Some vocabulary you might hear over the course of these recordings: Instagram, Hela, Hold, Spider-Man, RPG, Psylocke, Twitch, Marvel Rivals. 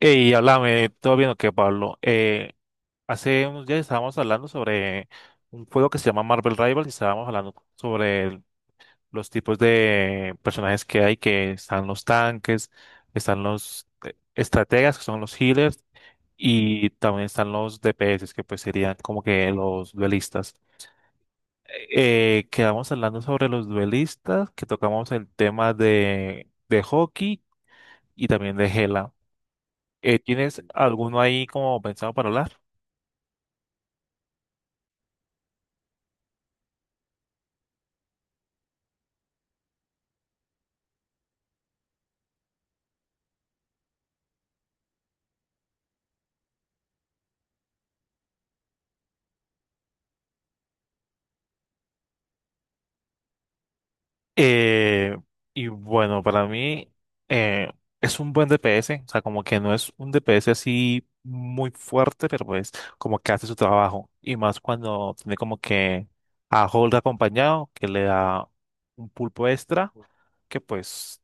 Y háblame, todo bien o qué, Pablo. Hace unos días estábamos hablando sobre un juego que se llama Marvel Rivals y estábamos hablando sobre los tipos de personajes que hay, que están los tanques, están los estrategas, que son los healers, y también están los DPS, que pues serían como que los duelistas. Quedamos hablando sobre los duelistas, que tocamos el tema de hockey y también de Hela. ¿Tienes alguno ahí como pensado para hablar? Eh, y bueno, para mí eh, es un buen DPS, o sea, como que no es un DPS así muy fuerte, pero pues como que hace su trabajo. Y más cuando tiene como que a Hold acompañado, que le da un pulpo extra, que pues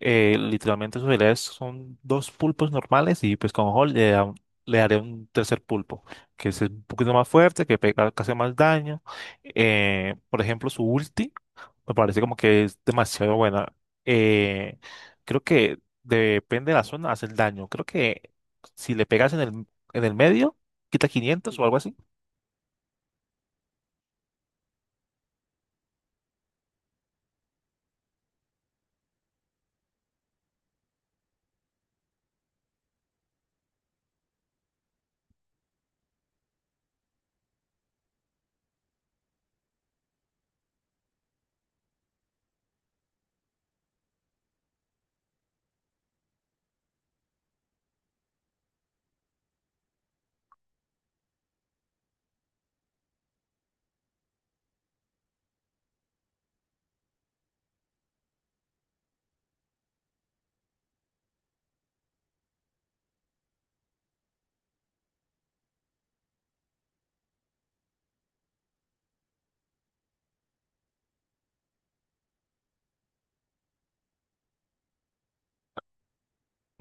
literalmente sus habilidades son dos pulpos normales y pues con Hold le daré un tercer pulpo, que es un poquito más fuerte, que pega, que hace más daño. Por ejemplo, su ulti. Me parece como que es demasiado buena. Eh, Creo que depende de la zona, hace el daño. Creo que si le pegas en el medio, quita 500 o algo así.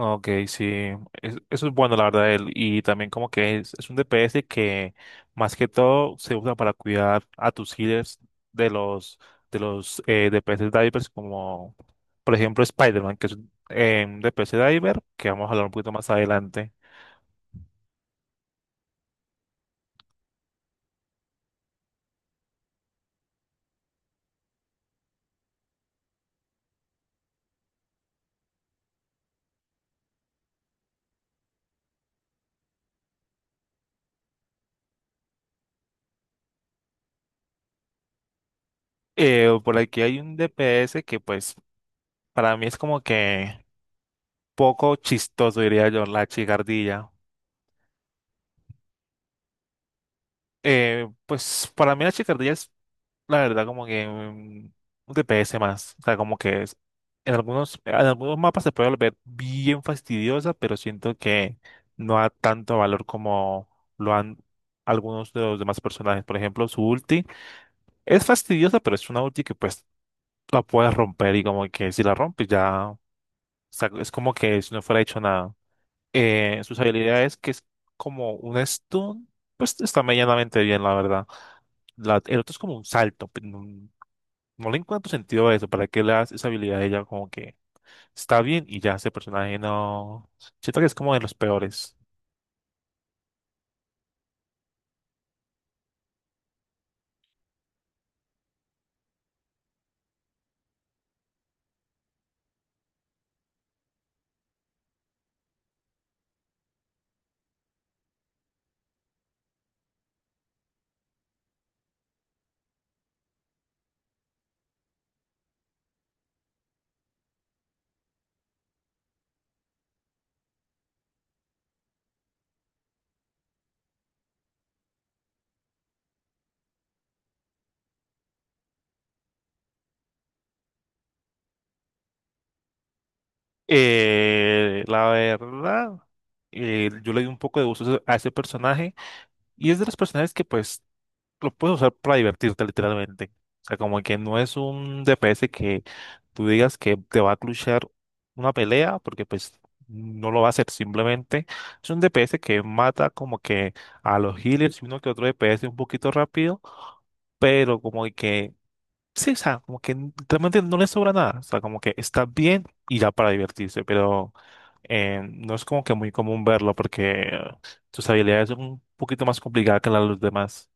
Ok, sí. Eso es bueno, la verdad, de él. Y también como que es un DPS que más que todo se usa para cuidar a tus healers de los, de los DPS divers como, por ejemplo, Spider-Man, que es un DPS diver, que vamos a hablar un poquito más adelante. Por aquí hay un DPS que pues para mí es como que poco chistoso, diría yo, la chicardilla. Pues para mí la chicardilla la verdad, como que mm, un DPS más. O sea, como que en algunos mapas se puede volver bien fastidiosa, pero siento que no da tanto valor como lo han algunos de los demás personajes. Por ejemplo, su ulti es fastidiosa, pero es una ulti que pues la puedes romper y como que si la rompes ya, o sea, es como que si no fuera hecho nada. Sus habilidades, que es como un stun, pues está medianamente bien, la verdad. El otro es como un salto. No le encuentro sentido a eso, ¿para qué le das esa habilidad a ella? Como que está bien y ya ese personaje no... Siento que es como de los peores. La verdad, yo le di un poco de uso a ese personaje y es de los personajes que pues lo puedes usar para divertirte literalmente. O sea, como que no es un DPS que tú digas que te va a clutchear una pelea porque pues no lo va a hacer simplemente. Es un DPS que mata como que a los healers y uno que otro DPS un poquito rápido, pero como de que, sí, o sea, como que realmente no le sobra nada, o sea, como que está bien y ya para divertirse, pero no es como que muy común verlo porque sus habilidades son un poquito más complicadas que las de los demás.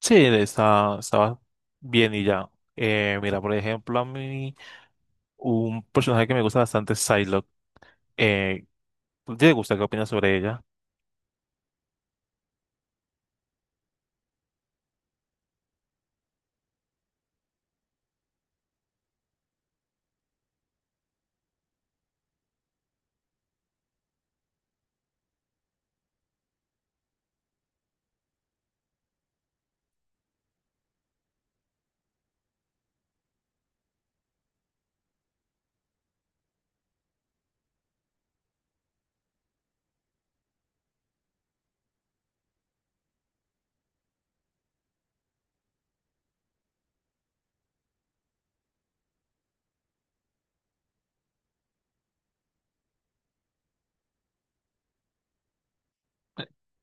Sí, estaba bien y ya. Mira, por ejemplo, a mí un personaje que me gusta bastante es Psylocke. Eh, ¿Te gusta? ¿Qué opinas sobre ella?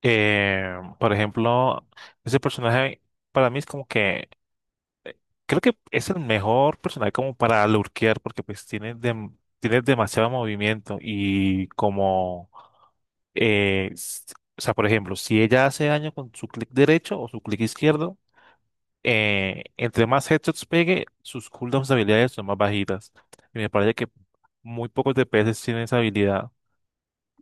Eh, por ejemplo, ese personaje para mí es como que creo que es el mejor personaje como para lurkear porque pues tiene, tiene demasiado movimiento y como, eh, s- o sea, por ejemplo, si ella hace daño con su clic derecho o su clic izquierdo, entre más headshots pegue, sus cooldowns de habilidades son más bajitas. Y me parece que muy pocos DPS tienen esa habilidad.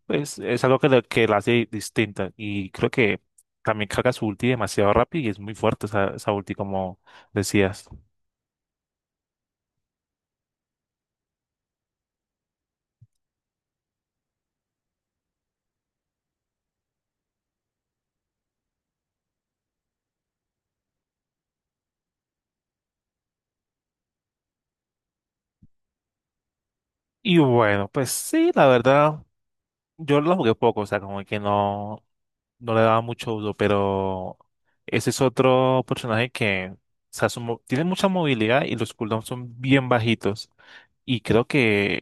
Pues es algo que, que la hace distinta y creo que también carga su ulti demasiado rápido y es muy fuerte esa ulti como decías. Y bueno, pues sí, la verdad, yo lo jugué poco, o sea, como que no, no le daba mucho uso, pero ese es otro personaje que, o sea, tiene mucha movilidad y los cooldowns son bien bajitos. Y creo que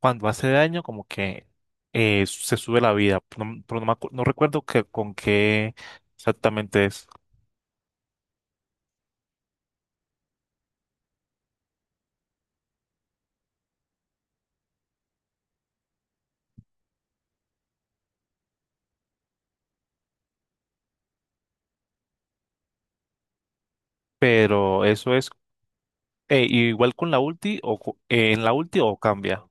cuando hace daño, como que se sube la vida, no, pero no, no recuerdo que, con qué exactamente es, pero eso es igual con la ulti, en la ulti o cambia.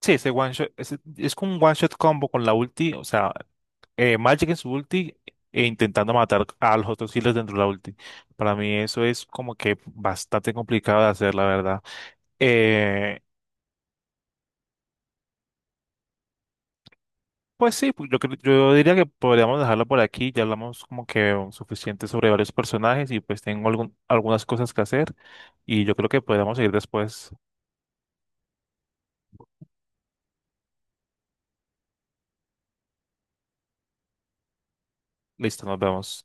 Sí, ese one shot, es como un one shot combo con la ulti, o sea, Magic en su ulti e intentando matar a los otros healers dentro de la ulti. Para mí eso es como que bastante complicado de hacer, la verdad. Eh, pues sí, pues yo, yo diría que podríamos dejarlo por aquí, ya hablamos como que suficiente sobre varios personajes y pues tengo algunas cosas que hacer y yo creo que podríamos seguir después. Listo, nos vemos.